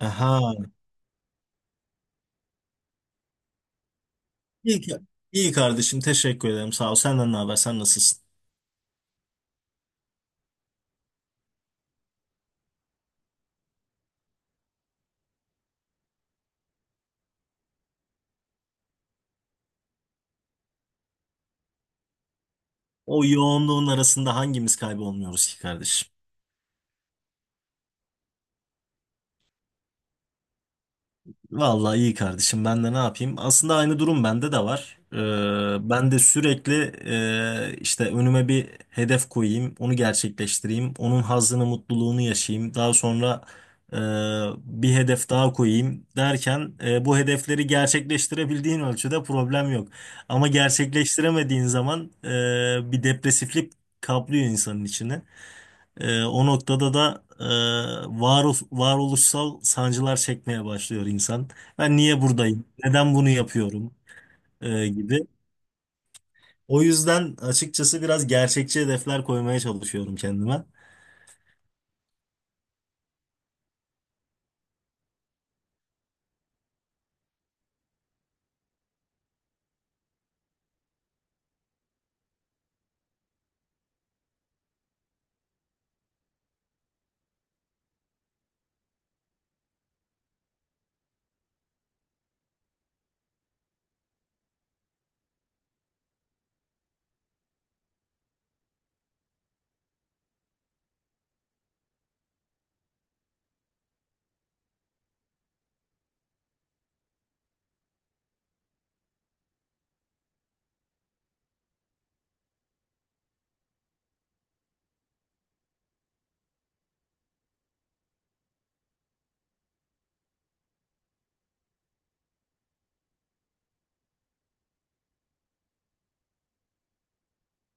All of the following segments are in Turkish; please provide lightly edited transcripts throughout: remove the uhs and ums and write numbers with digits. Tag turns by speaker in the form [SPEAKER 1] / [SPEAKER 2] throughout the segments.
[SPEAKER 1] Aha. İyi, iyi kardeşim teşekkür ederim sağ ol. Senden ne haber, sen nasılsın? O yoğunluğun arasında hangimiz kaybolmuyoruz ki kardeşim? Vallahi iyi kardeşim, ben de ne yapayım? Aslında aynı durum bende de var. Ben de sürekli işte önüme bir hedef koyayım, onu gerçekleştireyim, onun hazzını, mutluluğunu yaşayayım. Daha sonra e, bir hedef daha koyayım derken bu hedefleri gerçekleştirebildiğin ölçüde problem yok. Ama gerçekleştiremediğin zaman bir depresiflik kaplıyor insanın içine. O noktada da varoluş, varoluşsal sancılar çekmeye başlıyor insan. Ben niye buradayım? Neden bunu yapıyorum? Gibi. O yüzden açıkçası biraz gerçekçi hedefler koymaya çalışıyorum kendime.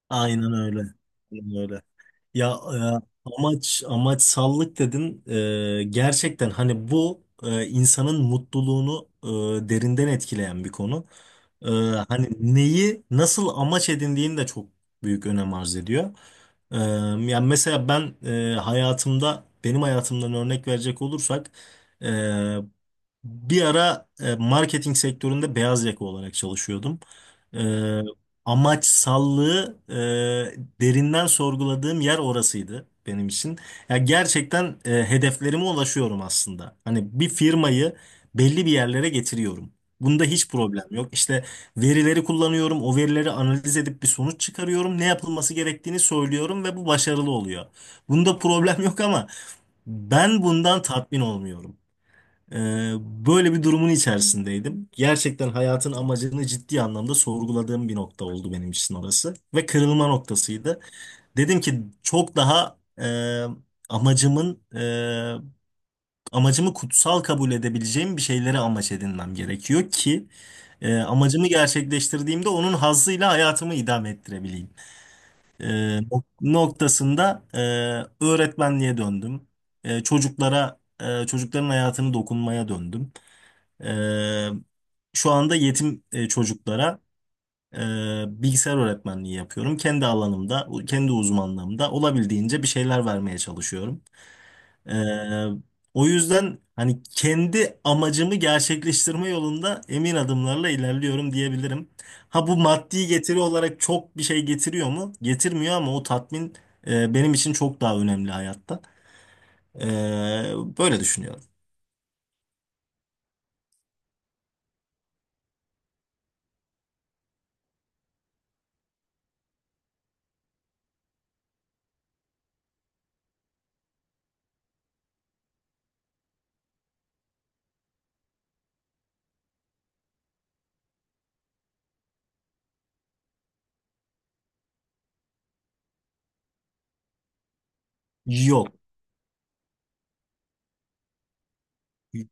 [SPEAKER 1] Aynen öyle. Aynen öyle. Ya amaç amaçsallık dedin. Gerçekten hani bu insanın mutluluğunu derinden etkileyen bir konu. E, hani neyi nasıl amaç edindiğini de çok büyük önem arz ediyor. E, yani mesela ben e, hayatımda benim hayatımdan örnek verecek olursak e, bir ara marketing sektöründe beyaz yaka olarak çalışıyordum. E, amaçsallığı derinden sorguladığım yer orasıydı benim için. Ya gerçekten hedeflerime ulaşıyorum aslında. Hani bir firmayı belli bir yerlere getiriyorum. Bunda hiç problem yok. İşte verileri kullanıyorum, o verileri analiz edip bir sonuç çıkarıyorum, ne yapılması gerektiğini söylüyorum ve bu başarılı oluyor. Bunda problem yok ama ben bundan tatmin olmuyorum. Ee, böyle bir durumun içerisindeydim. Gerçekten hayatın amacını ciddi anlamda sorguladığım bir nokta oldu benim için orası. Ve kırılma noktasıydı. Dedim ki çok daha amacımın e, amacımı kutsal kabul edebileceğim bir şeylere amaç edinmem gerekiyor ki amacımı gerçekleştirdiğimde onun hazzıyla hayatımı idame ettirebileyim. E, noktasında öğretmenliğe döndüm. Çocukların hayatını dokunmaya döndüm. Ee, şu anda yetim çocuklara e, bilgisayar öğretmenliği yapıyorum. Kendi alanımda, kendi uzmanlığımda olabildiğince bir şeyler vermeye çalışıyorum. Ee, o yüzden hani kendi amacımı gerçekleştirme yolunda emin adımlarla ilerliyorum diyebilirim. Ha, bu maddi getiri olarak çok bir şey getiriyor mu? Getirmiyor ama o tatmin benim için çok daha önemli hayatta. Böyle düşünüyorum. Yok,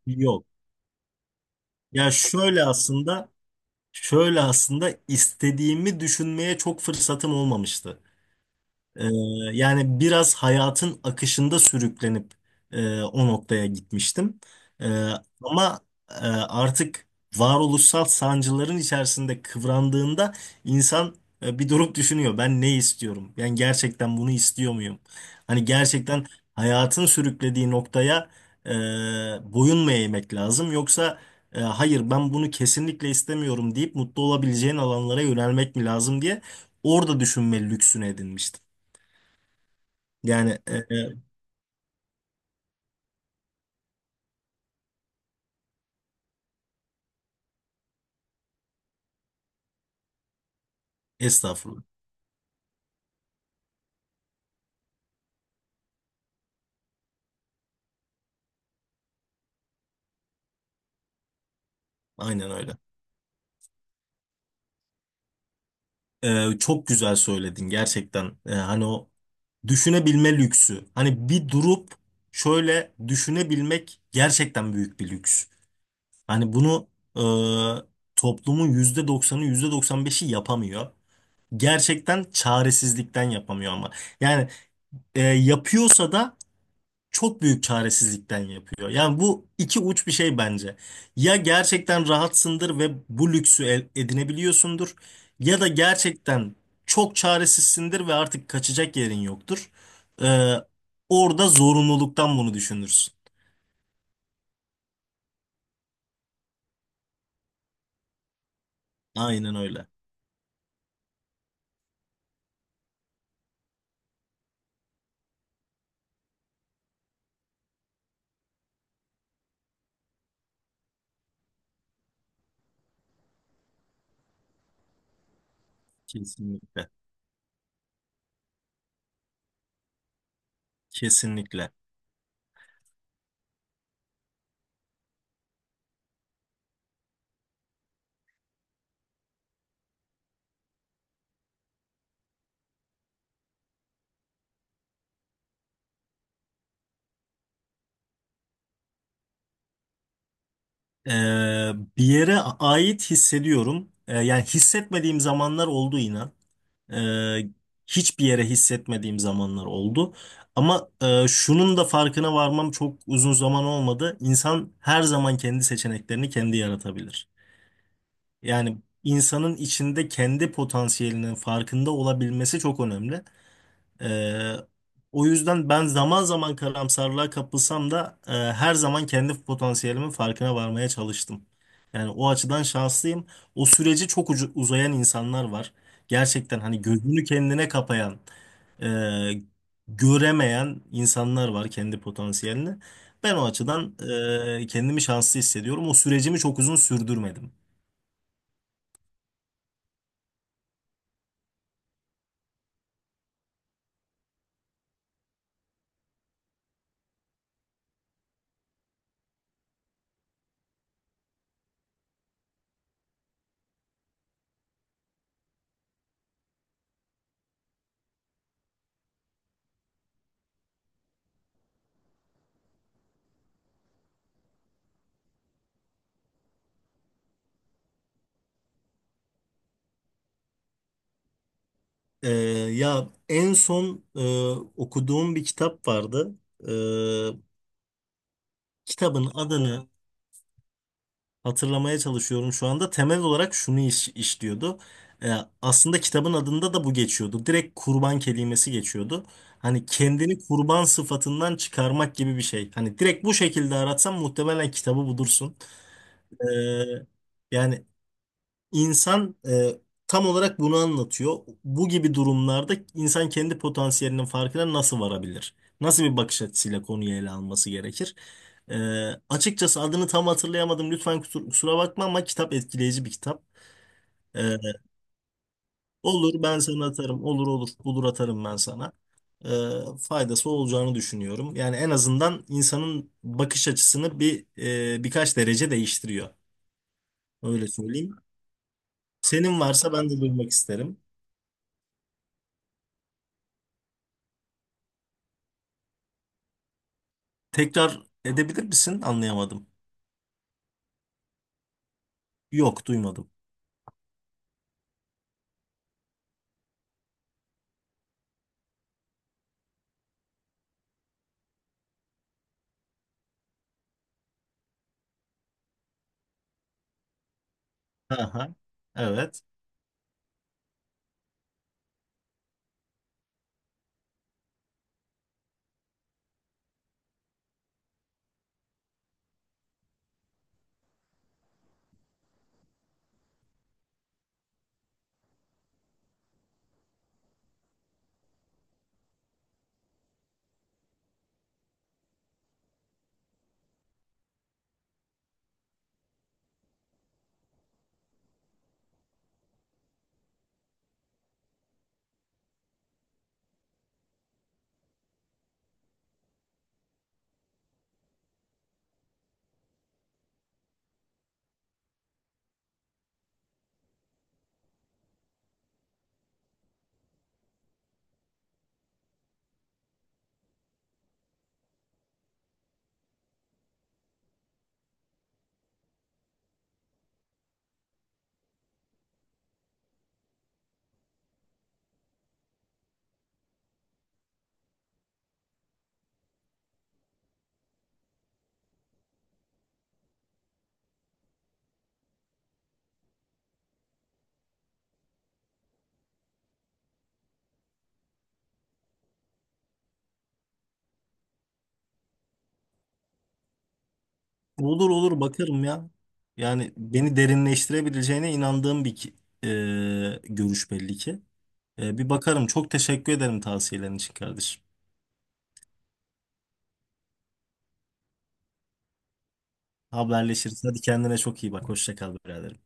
[SPEAKER 1] yok. Ya şöyle aslında. Şöyle aslında istediğimi düşünmeye çok fırsatım olmamıştı. Ee, yani biraz hayatın akışında sürüklenip o noktaya gitmiştim. Ee, ama artık varoluşsal sancıların içerisinde kıvrandığında insan bir durup düşünüyor. Ben ne istiyorum? Ben gerçekten bunu istiyor muyum? Hani gerçekten hayatın sürüklediği noktaya e, boyun mu eğmek lazım? Yoksa hayır ben bunu kesinlikle istemiyorum deyip mutlu olabileceğin alanlara yönelmek mi lazım diye orada düşünme lüksünü edinmiştim. Yani estağfurullah. Aynen öyle. Çok güzel söyledin gerçekten. Hani o düşünebilme lüksü. Hani bir durup şöyle düşünebilmek gerçekten büyük bir lüks. Hani bunu e, toplumun %90'ı, yüzde doksan beşi yapamıyor. Gerçekten çaresizlikten yapamıyor ama. Yani yapıyorsa da çok büyük çaresizlikten yapıyor. Yani bu iki uç bir şey bence. Ya gerçekten rahatsındır ve bu lüksü edinebiliyorsundur ya da gerçekten çok çaresizsindir ve artık kaçacak yerin yoktur. Ee, orada zorunluluktan bunu düşünürsün. Aynen öyle. Kesinlikle. Kesinlikle. Ee, bir yere ait hissediyorum. Yani hissetmediğim zamanlar oldu inan. Ee, hiçbir yere hissetmediğim zamanlar oldu. Ama şunun da farkına varmam çok uzun zaman olmadı. İnsan her zaman kendi seçeneklerini kendi yaratabilir. Yani insanın içinde kendi potansiyelinin farkında olabilmesi çok önemli. Ee, o yüzden ben zaman zaman karamsarlığa kapılsam da her zaman kendi potansiyelimin farkına varmaya çalıştım. Yani o açıdan şanslıyım. O süreci çok uzayan insanlar var. Gerçekten hani gözünü kendine kapayan, e, göremeyen insanlar var kendi potansiyelini. Ben o açıdan kendimi şanslı hissediyorum. O sürecimi çok uzun sürdürmedim. Ee, ya en son okuduğum bir kitap vardı. Kitabın adını hatırlamaya çalışıyorum şu anda. Temel olarak şunu işliyordu. Ee, aslında kitabın adında da bu geçiyordu. Direkt kurban kelimesi geçiyordu. Hani kendini kurban sıfatından çıkarmak gibi bir şey. Hani direkt bu şekilde aratsan muhtemelen kitabı bulursun. Ee, yani İnsan tam olarak bunu anlatıyor. Bu gibi durumlarda insan kendi potansiyelinin farkına nasıl varabilir? Nasıl bir bakış açısıyla konuyu ele alması gerekir? E, açıkçası adını tam hatırlayamadım. Lütfen kusura bakma ama kitap etkileyici bir kitap. E, olur ben sana atarım. Olur olur, bulur atarım ben sana. E, faydası olacağını düşünüyorum. Yani en azından insanın bakış açısını birkaç derece değiştiriyor. Öyle söyleyeyim. Senin varsa ben de duymak isterim. Tekrar edebilir misin? Anlayamadım. Yok, duymadım. Aha, evet. Olur olur bakarım ya. Yani beni derinleştirebileceğine inandığım bir e, görüş belli ki. Bir bakarım. Çok teşekkür ederim tavsiyelerin için kardeşim. Haberleşiriz. Hadi kendine çok iyi bak. Hoşça kal biraderim.